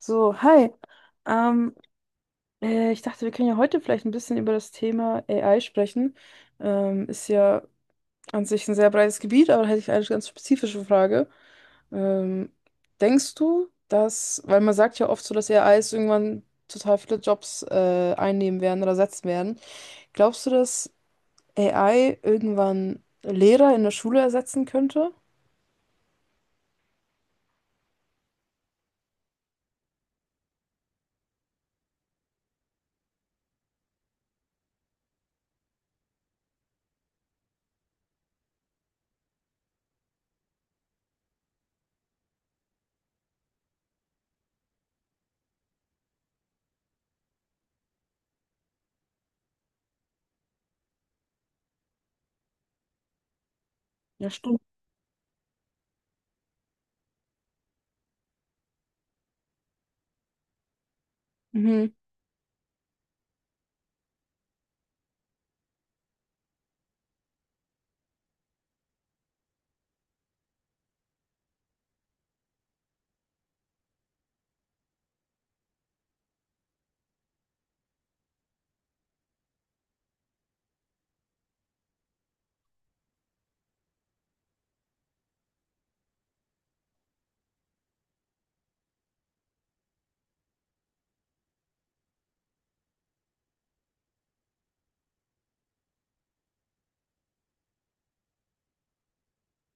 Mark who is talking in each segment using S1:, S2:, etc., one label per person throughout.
S1: So, hi. Ähm, Ich dachte, wir können ja heute vielleicht ein bisschen über das Thema AI sprechen. Ist ja an sich ein sehr breites Gebiet, aber da hätte ich eine ganz spezifische Frage. Ähm, Denkst du, dass, weil man sagt ja oft so, dass AIs irgendwann total viele Jobs einnehmen werden oder ersetzen werden, glaubst du, dass AI irgendwann Lehrer in der Schule ersetzen könnte? Ja, stimmt. Mhm.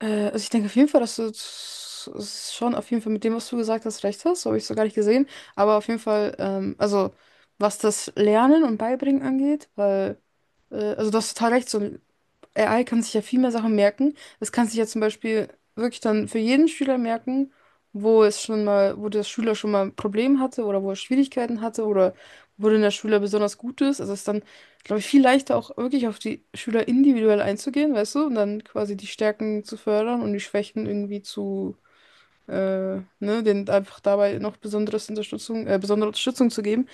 S1: Also ich denke auf jeden Fall, dass du schon auf jeden Fall mit dem, was du gesagt hast, recht hast. So habe ich es so gar nicht gesehen. Aber auf jeden Fall, also was das Lernen und Beibringen angeht, weil, also du hast total recht, so AI kann sich ja viel mehr Sachen merken. Das kann sich ja zum Beispiel wirklich dann für jeden Schüler merken, wo es schon mal, wo der Schüler schon mal ein Problem hatte oder wo er Schwierigkeiten hatte oder worin der Schüler besonders gut ist. Also es ist dann, glaube ich, viel leichter auch wirklich auf die Schüler individuell einzugehen, weißt du, und dann quasi die Stärken zu fördern und die Schwächen irgendwie zu, äh, ne, denen einfach dabei noch besondere Unterstützung zu geben.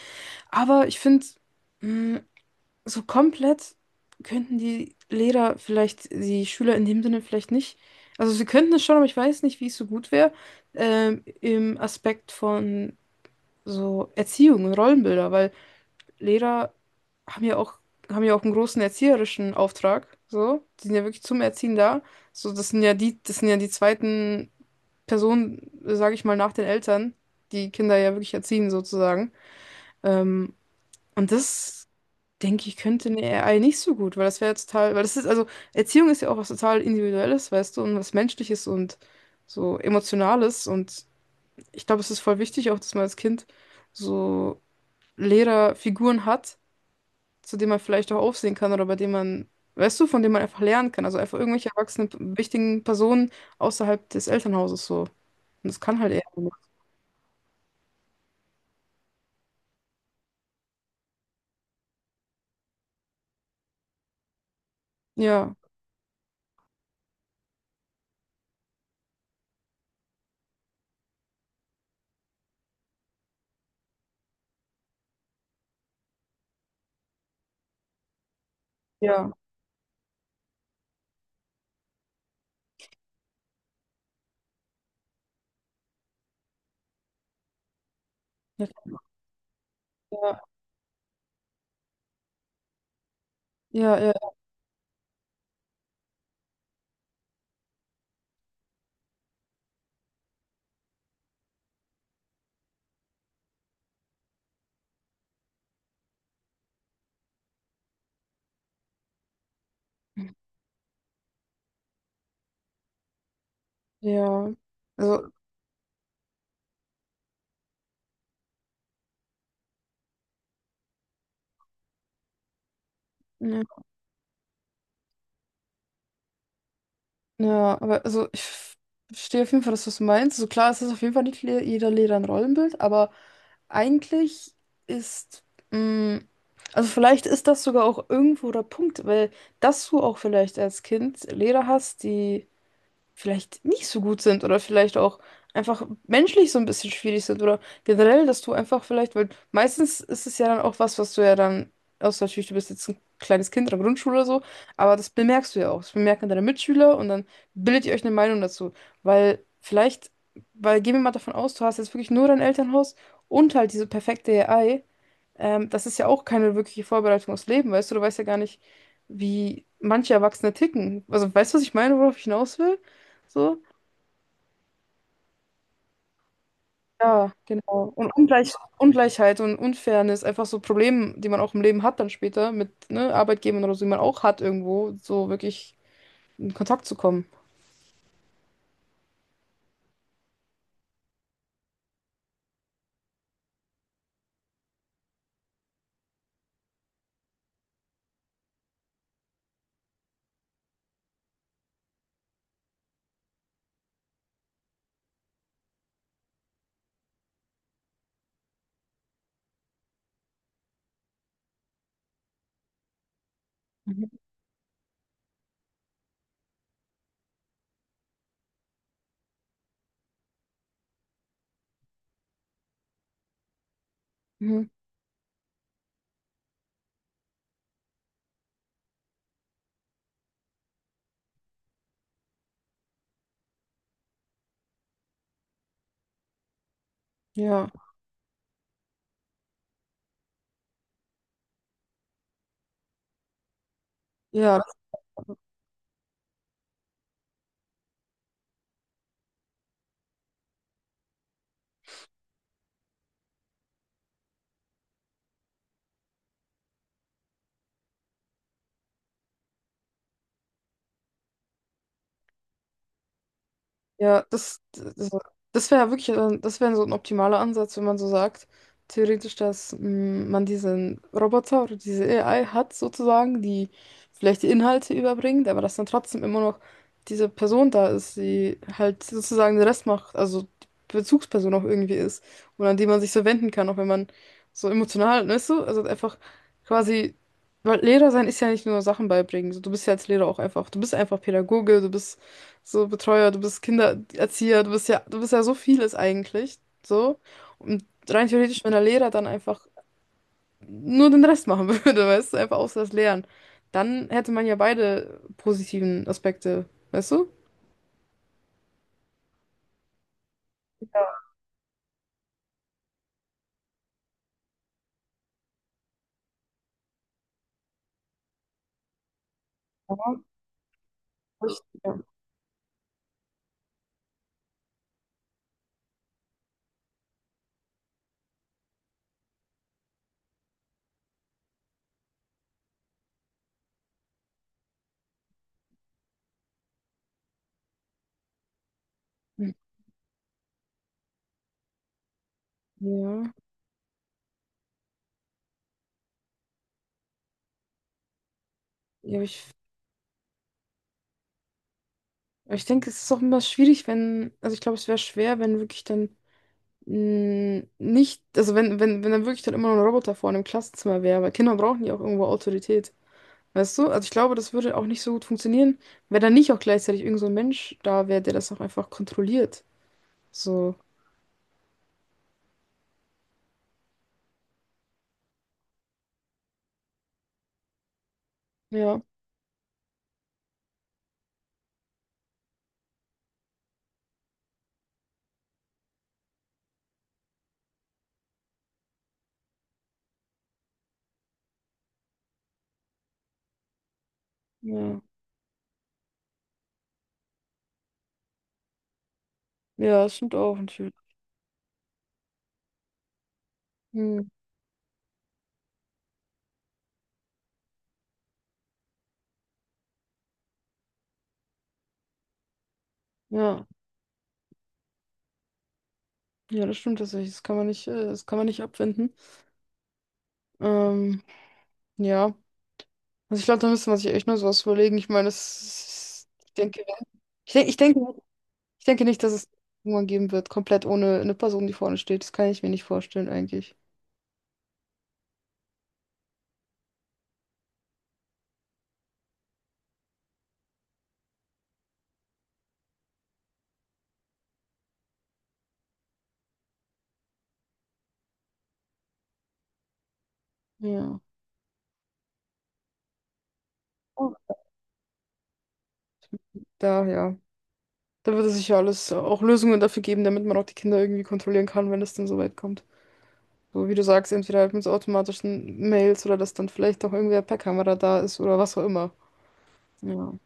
S1: Aber ich finde, hm, so komplett könnten die Lehrer vielleicht, die Schüler in dem Sinne vielleicht nicht. Also sie könnten es schon, aber ich weiß nicht, wie es so gut wäre, im Aspekt von so Erziehung und Rollenbilder, weil Lehrer haben ja auch, haben ja auch einen großen erzieherischen Auftrag. So, die sind ja wirklich zum Erziehen da. So, das sind ja die zweiten Personen, sage ich mal, nach den Eltern, die Kinder ja wirklich erziehen, sozusagen. Ähm, und das denke ich, könnte eine AI nicht so gut, weil das wäre jetzt total, weil das ist, also Erziehung ist ja auch was total Individuelles, weißt du, und was Menschliches und so Emotionales und ich glaube, es ist voll wichtig auch, dass man als Kind so Lehrerfiguren hat, zu denen man vielleicht auch aufsehen kann oder bei denen man, weißt du, von denen man einfach lernen kann, also einfach irgendwelche erwachsenen, wichtigen Personen außerhalb des Elternhauses so. Und das kann halt eher. Ja, ja, ja, ja, ja, ja. Ja. Also, ja. Ja, aber also ich verstehe auf jeden Fall, dass du es meinst. So also klar, es ist auf jeden Fall nicht le jeder Lehrer ein Rollenbild, aber eigentlich ist, mh, also vielleicht ist das sogar auch irgendwo der Punkt, weil dass du auch vielleicht als Kind Lehrer hast, die vielleicht nicht so gut sind oder vielleicht auch einfach menschlich so ein bisschen schwierig sind oder generell, dass du einfach vielleicht, weil meistens ist es ja dann auch was, was du ja dann, außer natürlich, du bist jetzt ein kleines Kind in der Grundschule oder so, aber das bemerkst du ja auch. Das bemerken deine Mitschüler und dann bildet ihr euch eine Meinung dazu, weil vielleicht, weil gehen wir mal davon aus, du hast jetzt wirklich nur dein Elternhaus und halt diese perfekte AI. Das ist ja auch keine wirkliche Vorbereitung aufs Leben, weißt du, du weißt ja gar nicht, wie manche Erwachsene ticken. Also, weißt du, was ich meine, worauf ich hinaus will? So. Ja, genau. Und Ungleichheit und Unfairness, einfach so Probleme, die man auch im Leben hat dann später mit ne, Arbeitgebern oder so, die man auch hat irgendwo, so wirklich in Kontakt zu kommen. Mhm. Mhm. Ja, ja, ja, das wäre wirklich, das wäre so ein optimaler Ansatz, wenn man so sagt, theoretisch, dass man diesen Roboter oder diese AI hat sozusagen, die vielleicht die Inhalte überbringt, aber dass dann trotzdem immer noch diese Person da ist, die halt sozusagen den Rest macht, also die Bezugsperson auch irgendwie ist und an die man sich so wenden kann, auch wenn man so emotional, weißt du, also einfach quasi, weil Lehrer sein ist ja nicht nur Sachen beibringen, so, du bist ja als Lehrer auch einfach, du bist einfach Pädagoge, du bist so Betreuer, du bist Kindererzieher, du bist ja so vieles eigentlich. So. Und rein theoretisch, wenn der Lehrer dann einfach nur den Rest machen würde, weißt du, einfach außer das Lehren, dann hätte man ja beide positiven Aspekte, weißt du? Ich- Ja, ja, ja, ich denke, es ist auch immer schwierig, wenn, also ich glaube, es wäre schwer, wenn wirklich dann nicht, also wenn dann wirklich dann immer noch ein Roboter vorne im Klassenzimmer wäre, weil Kinder brauchen ja auch irgendwo Autorität. Weißt du? Also ich glaube, das würde auch nicht so gut funktionieren, wenn da nicht auch gleichzeitig irgend so ein Mensch da wäre, der das auch einfach kontrolliert. So, ja, ja. Ja, das stimmt auch natürlich. Hm, ja, ja, das stimmt tatsächlich. Das kann man nicht, das kann man nicht abwenden. Ähm, ja. Also ich glaube, da müsste man sich echt nur sowas überlegen. Ich meine, das ist, ich denke, wenn- ich denke, ich denke, ich denke nicht, dass es irgendwann geben wird, komplett ohne eine Person, die vorne steht. Das kann ich mir nicht vorstellen eigentlich. Ja. Oh. Daher. Da wird es sicher alles auch Lösungen dafür geben, damit man auch die Kinder irgendwie kontrollieren kann, wenn es denn so weit kommt. So wie du sagst, entweder halt mit so automatischen Mails oder dass dann vielleicht auch irgendwer per Kamera da ist oder was auch immer. Ja.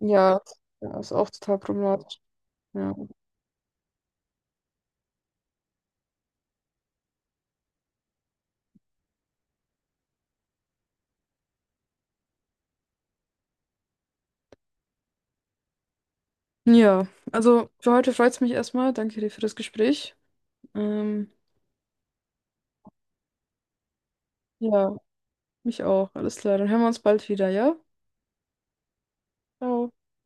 S1: Ja, ja, ist auch total problematisch. Ja. Ja, also für heute freut es mich erstmal. Danke dir für das Gespräch. Ähm, ja, mich auch. Alles klar. Dann hören wir uns bald wieder, ja? Ciao.